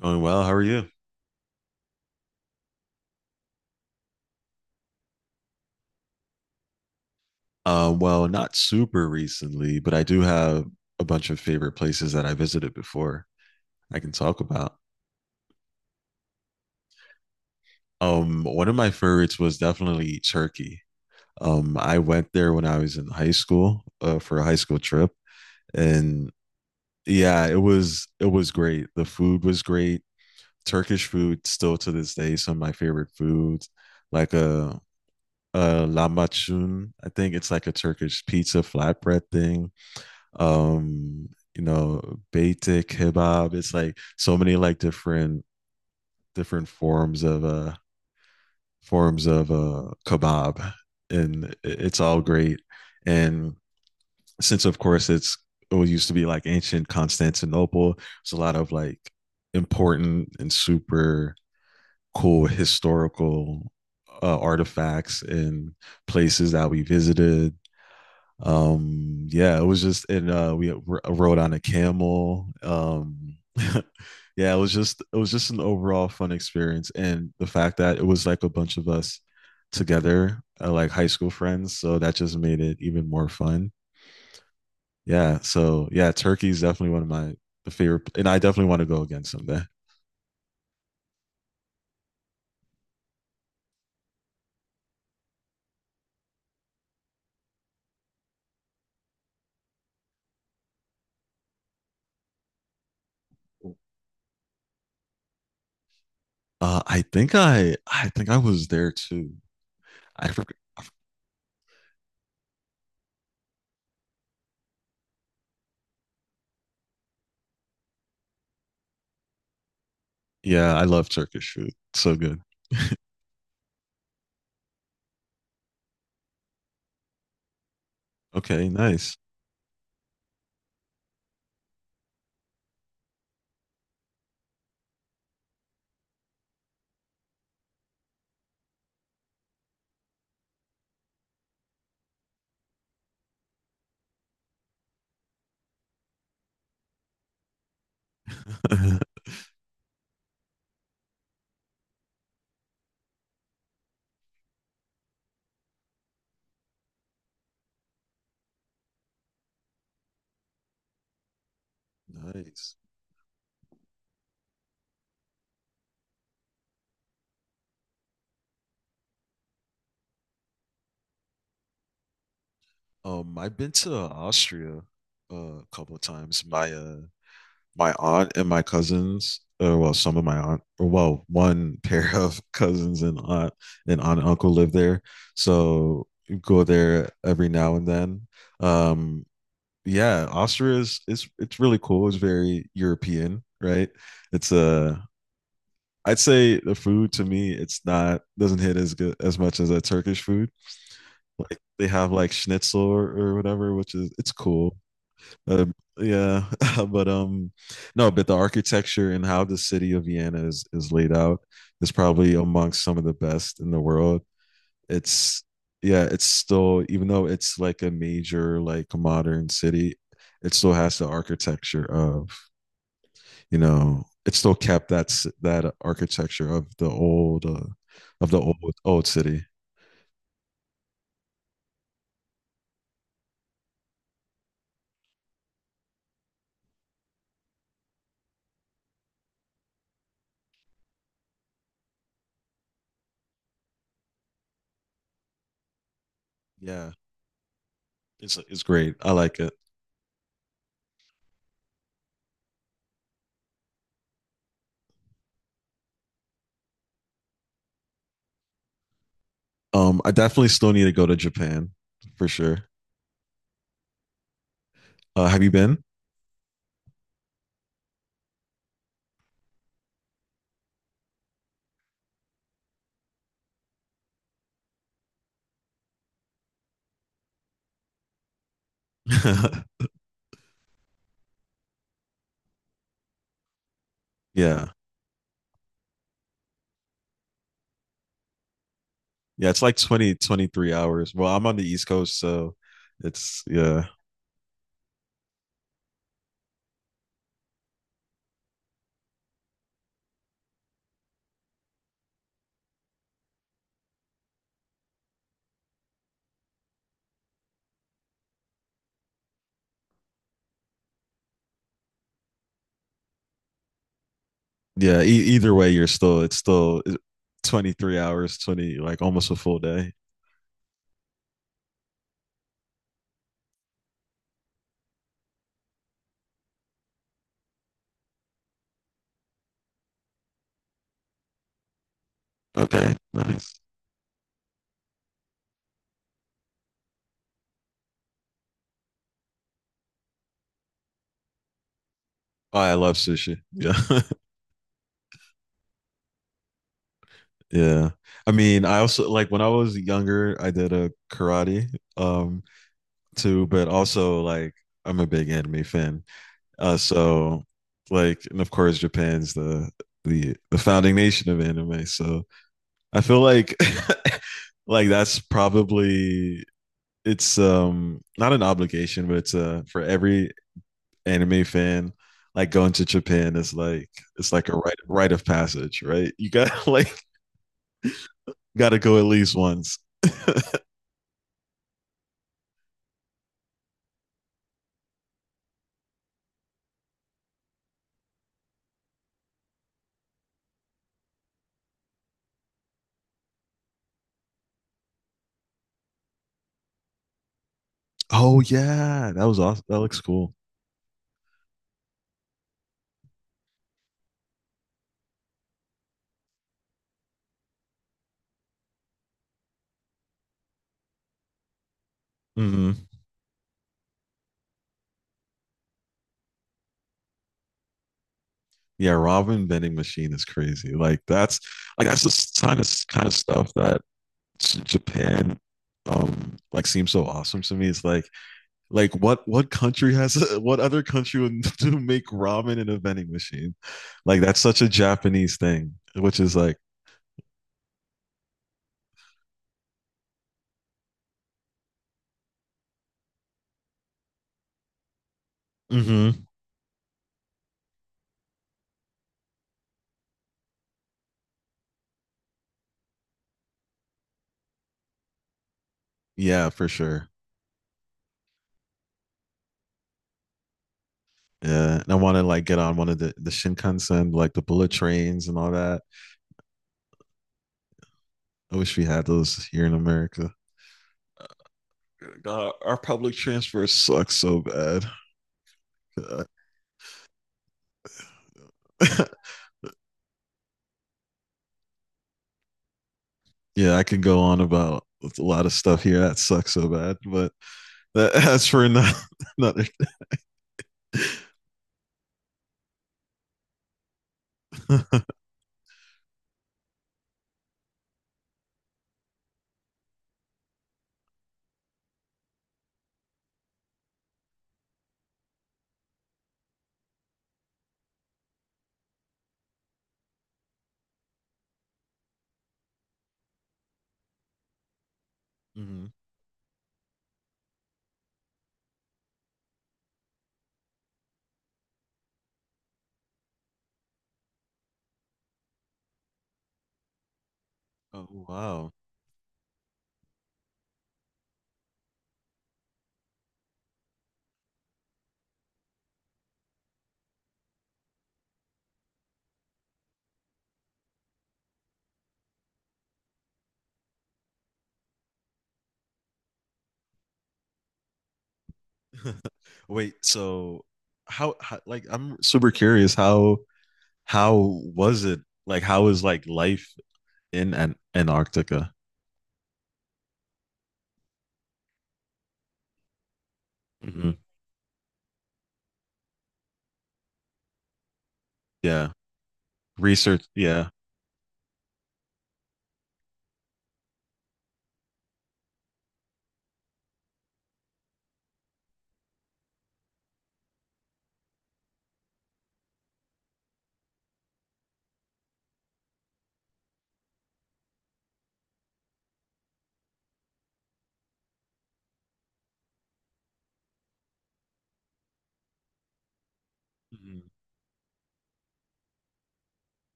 Going well. How are you? Well, not super recently, but I do have a bunch of favorite places that I visited before I can talk about. One of my favorites was definitely Turkey. I went there when I was in high school for a high school trip, and yeah, it was great. The food was great. Turkish food still to this day some of my favorite foods, like a lahmacun. I think it's like a Turkish pizza flatbread thing um you know baitic kebab. It's like so many like different forms of kebab, and it's all great. And since of course it used to be like ancient Constantinople, it's a lot of like important and super cool historical artifacts and places that we visited. Yeah, it was just and we rode on a camel yeah, it was just an overall fun experience, and the fact that it was like a bunch of us together like high school friends, so that just made it even more fun. Yeah. So yeah, Turkey is definitely one of my favorite, and I definitely want to go again someday. I think I was there too. I forgot. Yeah, I love Turkish food. So good. Okay, nice. Nice. I've been to Austria a couple of times. My aunt and my cousins, or well, some of my aunt, or well, one pair of cousins and aunt and uncle live there, so go there every now and then. Um, yeah, Austria is it's really cool. It's very European, right? It's a I'd say the food to me, it's not doesn't hit as good as much as a Turkish food. Like they have like schnitzel or whatever, which is it's cool. Uh yeah, but no, but the architecture and how the city of Vienna is laid out is probably amongst some of the best in the world. It's Yeah, it's still, even though it's like a major like modern city, it still has the architecture of, you know, it still kept that architecture of the old old city. Yeah, it's great. I like it. I definitely still need to go to Japan for sure. Have you been? Yeah. Yeah, it's like 20-23 hours. Well, I'm on the East Coast, so it's yeah. Yeah. Either way, you're still it's still 23 hours, 20 like almost a full day. Okay, nice. Oh, I love sushi. Yeah. Yeah. I mean, I also like when I was younger, I did a karate too, but also like I'm a big anime fan. So like, and of course, Japan's the founding nation of anime. So I feel like like that's probably it's not an obligation, but it's for every anime fan. Like going to Japan is like it's like a rite of passage, right? You got like got to go at least once. Oh yeah, that was awesome. That looks cool. Hmm. Yeah, ramen vending machine is crazy. Like that's the kind of stuff that Japan like seems so awesome to me. It's like what country has what other country would do make ramen in a vending machine? Like that's such a Japanese thing, which is like. Mhm. Yeah, for sure. Yeah, and I want to like get on one of the Shinkansen, like the bullet trains and all that. I wish we had those here in America. God, our public transport sucks so bad. Yeah, I can go on about a lot of stuff here that sucks so bad, but that's for another. Mhm. Oh wow! Wait, so how? Like, I'm super curious. How was it? Like, how is like life in Antarctica? Mhm. Yeah, research. Yeah, mm-hmm.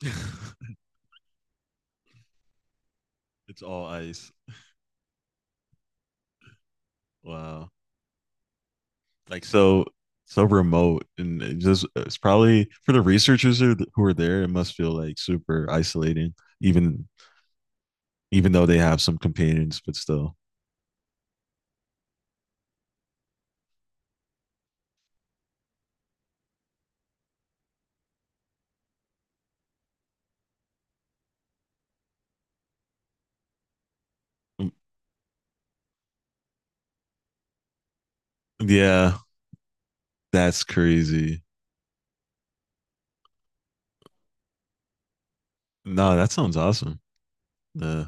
It's all ice. Wow, like so remote, and it's probably for the researchers who are there. It must feel like super isolating, even even though they have some companions, but still. Yeah, that's crazy. No, that sounds awesome. Uh,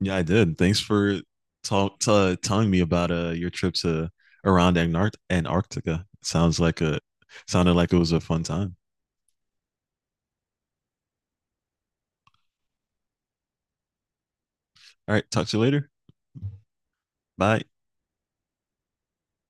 yeah, I did. Thanks for telling me about your trip to around Antarctica. Sounds like a sounded like it was a fun time. All right, talk to you later. Bye.